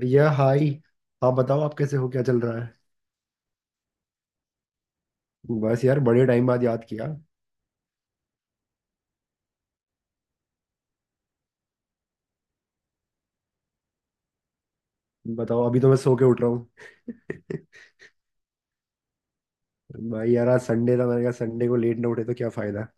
भैया हाय। आप बताओ, आप कैसे हो? क्या चल रहा है? बस यार, बड़े टाइम बाद याद किया। बताओ, अभी तो मैं सो के उठ रहा हूँ। भाई यार, आज संडे था, मैंने कहा संडे को लेट ना उठे तो क्या फायदा।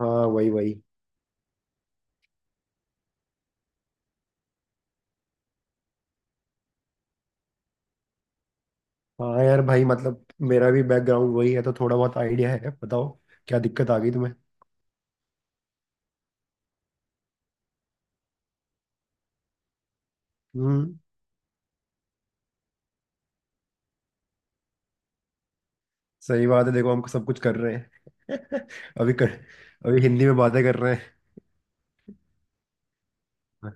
हाँ, वही वही। हाँ यार भाई, मतलब, मेरा भी बैकग्राउंड वही है तो थोड़ा बहुत आइडिया है। बताओ क्या दिक्कत आ गई तुम्हें? हम्म। सही बात है, देखो हम सब कुछ कर रहे हैं अभी कर अभी हिंदी में बातें कर रहे हैं। हाँ,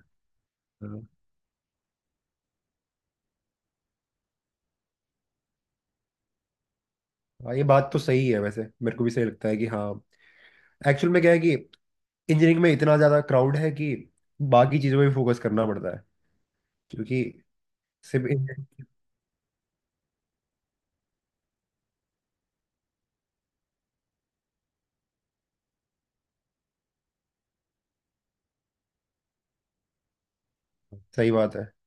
हाँ, ये बात तो सही है, वैसे मेरे को भी सही लगता है कि हाँ। एक्चुअल में क्या है कि इंजीनियरिंग में इतना ज़्यादा क्राउड है कि बाकी चीज़ों में भी फोकस करना पड़ता है, क्योंकि सिर्फ इंजीनियरिंग। सही बात है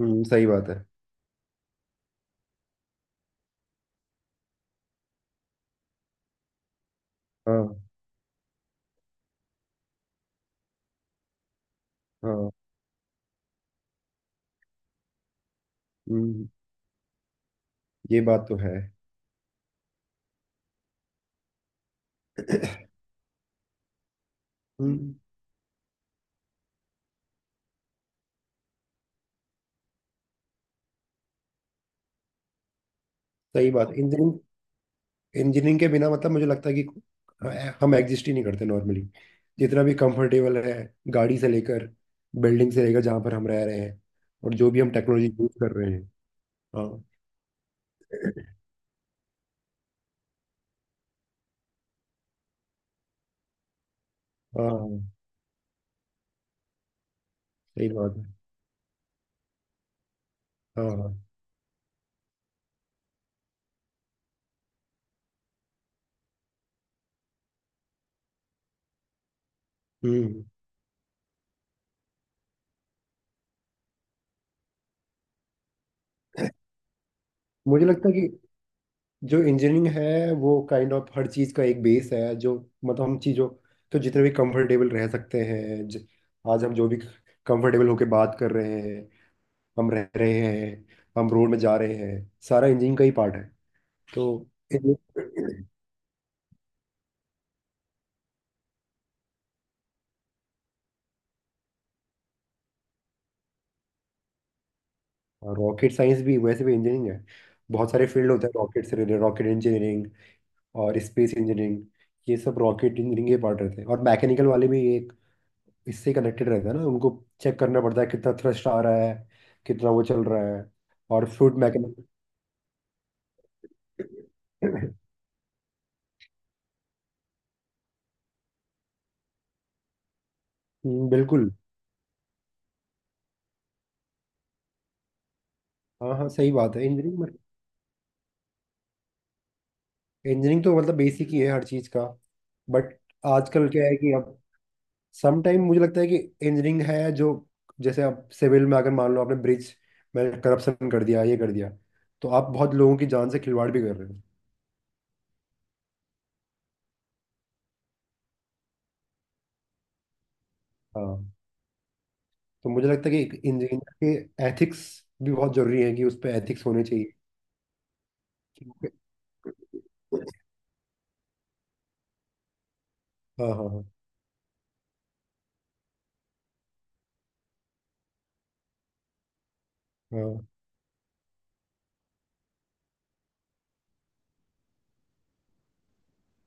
सही बात है। हाँ हाँ। हम्म, ये बात तो है। हम्म, सही बात। इंजीनियरिंग इंजीनियरिंग के बिना मतलब मुझे लगता है कि हम एग्जिस्ट ही नहीं करते नॉर्मली। जितना भी कंफर्टेबल है, गाड़ी से लेकर, बिल्डिंग से लेकर, जहाँ पर हम रह रहे हैं, और जो भी हम टेक्नोलॉजी यूज कर रहे हैं। हाँ हाँ सही बात है। हाँ हाँ। हम्म। मुझे लगता है कि जो इंजीनियरिंग है वो काइंड ऑफ हर चीज का एक बेस है, जो मतलब हम चीजों, तो जितने भी कंफर्टेबल रह सकते हैं, आज हम जो भी कंफर्टेबल होके बात कर रहे हैं, हम रह रहे हैं, हम रोड में जा रहे हैं, सारा इंजीनियरिंग का ही पार्ट है। तो रॉकेट साइंस भी वैसे भी इंजीनियरिंग है। बहुत सारे फील्ड होते हैं रॉकेट से रिलेटेड, रॉकेट इंजीनियरिंग और स्पेस इंजीनियरिंग, ये सब रॉकेट इंजीनियरिंग के पार्ट रहते हैं। और मैकेनिकल वाले भी एक इससे कनेक्टेड रहता है ना उनको। चेक करना पड़ता है कितना थ्रस्ट आ रहा है, कितना वो चल रहा है, और फ्लूइड मैकेनिक। बिल्कुल। हाँ हाँ सही बात है। इंजीनियरिंग इंजीनियरिंग तो मतलब बेसिक ही है हर चीज़ का। बट आजकल क्या है कि अब सम टाइम मुझे लगता है कि इंजीनियरिंग है जो, जैसे आप सिविल में अगर मान लो आपने ब्रिज में करप्शन कर दिया, ये कर दिया, तो आप बहुत लोगों की जान से खिलवाड़ भी कर रहे हो। हाँ। तो मुझे लगता है कि इंजीनियर के एथिक्स भी बहुत जरूरी है, कि उस पर एथिक्स होने चाहिए। हाँ हाँ हाँ हाँ।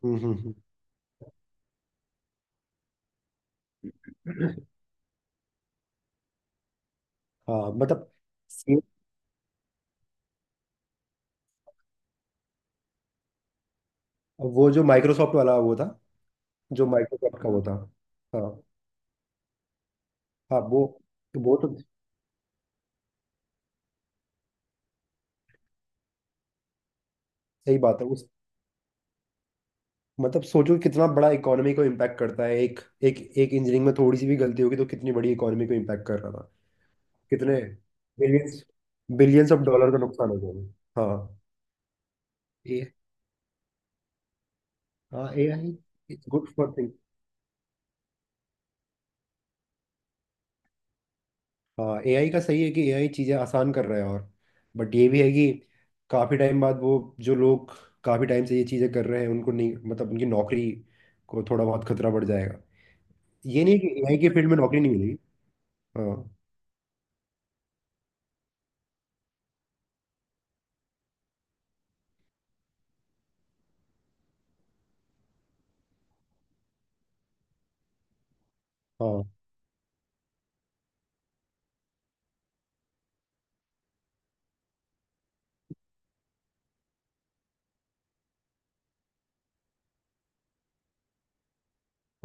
हम्म। हम्म। हाँ मतलब सेम। वो जो माइक्रोसॉफ्ट वाला वो था, जो माइक्रोसॉफ्ट का वो था। हाँ हाँ। वो तो सही बात है। उस मतलब सोचो कितना बड़ा इकोनॉमी को इम्पैक्ट करता है। एक एक एक इंजीनियरिंग में थोड़ी सी भी गलती होगी तो कितनी बड़ी इकोनॉमी को इम्पैक्ट कर रहा था। कितने बिलियंस, बिलियंस ऑफ डॉलर का नुकसान हो गया। हाँ। ए हाँ, A I. It's good for. हाँ एआई का सही है कि एआई चीज़ें आसान कर रहा है, और बट ये भी है कि काफ़ी टाइम बाद वो जो लोग काफ़ी टाइम से ये चीज़ें कर रहे हैं उनको नहीं, मतलब उनकी नौकरी को थोड़ा बहुत खतरा बढ़ जाएगा। ये नहीं है कि एआई के फील्ड में नौकरी नहीं मिलेगी। हाँ हाँ।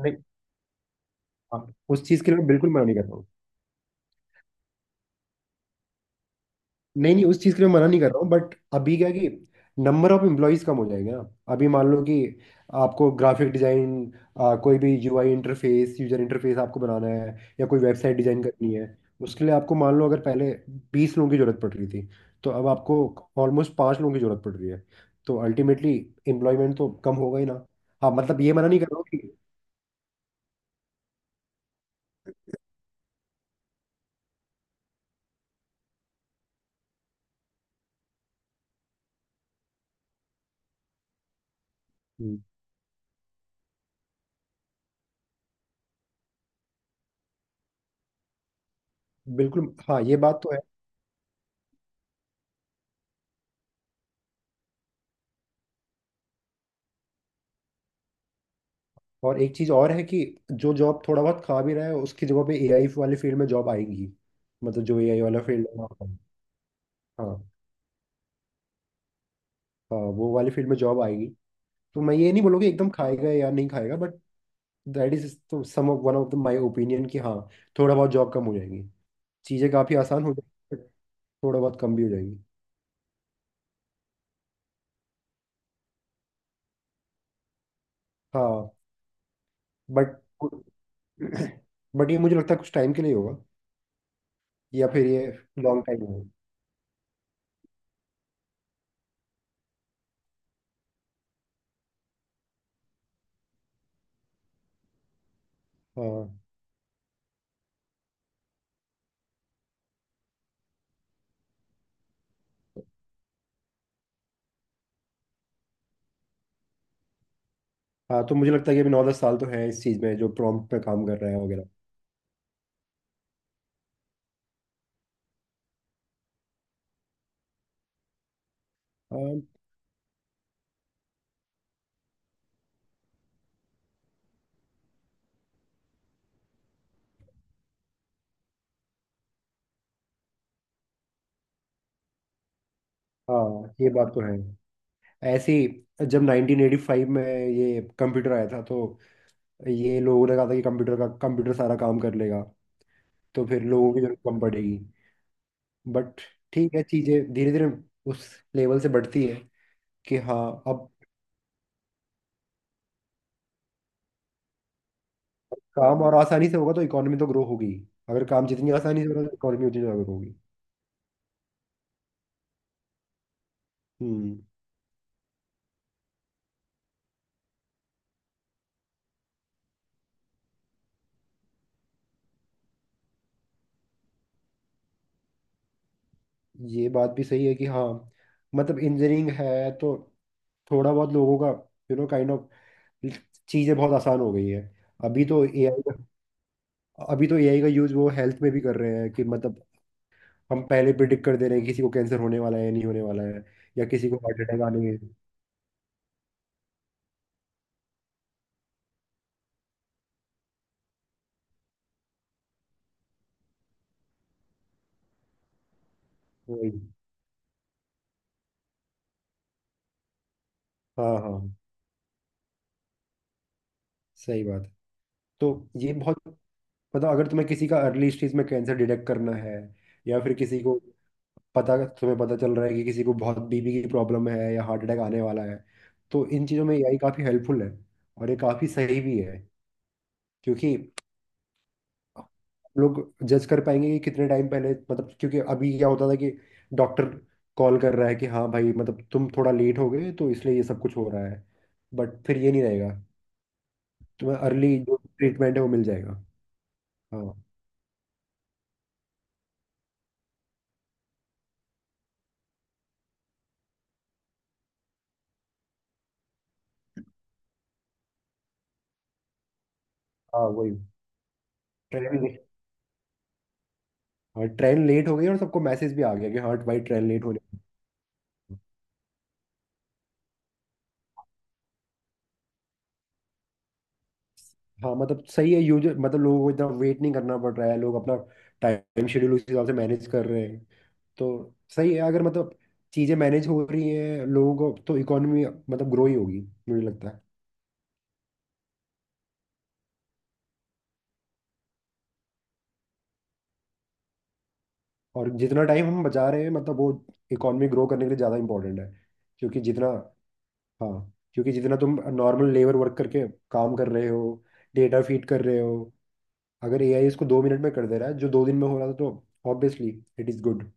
नहीं, हाँ, उस चीज़ के लिए मैं बिल्कुल मना नहीं करता हूँ। नहीं नहीं, उस चीज़ के लिए मैं मना नहीं कर रहा हूँ, बट अभी क्या है कि नंबर ऑफ एम्प्लॉयज़ कम हो जाएंगे ना। अभी मान लो कि आपको ग्राफिक डिज़ाइन, कोई भी यूआई इंटरफेस, यूजर इंटरफेस आपको बनाना है, या कोई वेबसाइट डिज़ाइन करनी है, उसके लिए आपको मान लो अगर पहले 20 लोगों की ज़रूरत पड़ रही थी, तो अब आपको ऑलमोस्ट पाँच लोगों की ज़रूरत पड़ रही है। तो अल्टीमेटली एम्प्लॉयमेंट तो कम होगा ही ना। हाँ मतलब ये मना नहीं कर रहा हूँ कि, हम्म, बिल्कुल, हाँ ये बात तो है। और एक चीज और है कि जो जॉब थोड़ा बहुत खा भी रहा है उसकी जगह पे एआई वाले फील्ड में जॉब आएंगी। मतलब जो एआई वाला फील्ड है। हाँ हाँ। हाँ, वो वाले फील्ड में जॉब आएगी। तो मैं ये नहीं बोलूँगी एकदम खाएगा या नहीं खाएगा, बट दैट इज तो some of one of the my opinion कि हाँ थोड़ा बहुत जॉब कम हो जाएगी। चीज़ें काफ़ी आसान हो जाएगी, but थोड़ा बहुत कम भी हो जाएगी। हाँ बट ये मुझे लगता है कुछ टाइम के लिए होगा, या फिर ये लॉन्ग टाइम होगा। हाँ हाँ। तो मुझे लगता है कि अभी 9-10 साल तो है इस चीज़ में जो प्रॉम्प्ट पे काम कर रहा है वगैरह। हाँ हाँ, ये बात तो है। ऐसे ही जब 1985 में ये कंप्यूटर आया था, तो ये लोगों ने कहा था कि कंप्यूटर सारा काम कर लेगा, तो फिर लोगों की जरूरत कम पड़ेगी। बट ठीक है, चीजें धीरे धीरे उस लेवल से बढ़ती है कि हाँ अब काम और आसानी से होगा तो इकोनॉमी तो ग्रो होगी। अगर काम जितनी आसानी से होगा तो इकोनॉमी उतनी ज्यादा ग्रो होगी। हम्म। ये बात भी सही है कि हाँ मतलब इंजीनियरिंग है तो थोड़ा बहुत लोगों का, काइंड ऑफ चीज़ें बहुत आसान हो गई हैं। अभी तो एआई का अभी तो एआई का यूज़ वो हेल्थ में भी कर रहे हैं, कि मतलब हम पहले प्रिडिक्ट कर दे रहे हैं किसी को कैंसर होने वाला है या नहीं होने वाला है, या किसी को हार्ट अटैक आने में। वही। हाँ हाँ सही बात है। तो ये बहुत, मतलब अगर तुम्हें किसी का अर्ली स्टेज में कैंसर डिटेक्ट करना है, या फिर किसी को पता तुम्हें पता चल रहा है कि किसी को बहुत बीपी की प्रॉब्लम है या हार्ट अटैक आने वाला है, तो इन चीज़ों में एआई काफ़ी हेल्पफुल है, और ये काफ़ी सही भी है। क्योंकि लोग जज कर पाएंगे कि कितने टाइम पहले, मतलब क्योंकि अभी क्या होता था कि डॉक्टर कॉल कर रहा है कि हाँ भाई मतलब तुम थोड़ा लेट हो गए तो इसलिए ये सब कुछ हो रहा है। बट फिर ये नहीं रहेगा, तुम्हें अर्ली जो ट्रीटमेंट है वो मिल जाएगा। हाँ हाँ। वही। ट्रेन लेट हाँ, ट्रेन लेट हो गई और सबको मैसेज भी आ गया कि हाँ भाई ट्रेन लेट होने वाली है। हाँ मतलब सही है, यूजर मतलब लोगों को इतना वेट नहीं करना पड़ रहा है, लोग अपना टाइम शेड्यूल उस हिसाब से मैनेज कर रहे हैं। तो सही है, अगर मतलब चीज़ें मैनेज हो रही हैं लोगों को, तो इकोनॉमी मतलब ग्रो ही होगी, मुझे लगता है। और जितना टाइम हम बचा रहे हैं मतलब वो इकोनॉमी ग्रो करने के लिए ज़्यादा इंपॉर्टेंट है, क्योंकि जितना हाँ, क्योंकि जितना तुम नॉर्मल लेबर वर्क करके काम कर रहे हो, डेटा फीड कर रहे हो, अगर एआई इसको 2 मिनट में कर दे रहा है जो 2 दिन में हो रहा था, तो ऑब्वियसली इट इज़ गुड।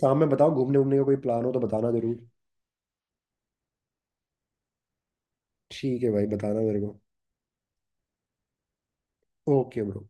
शाम में बताओ घूमने वूमने का कोई प्लान हो तो बताना ज़रूर। ठीक है भाई, बताना मेरे को। Okay bro.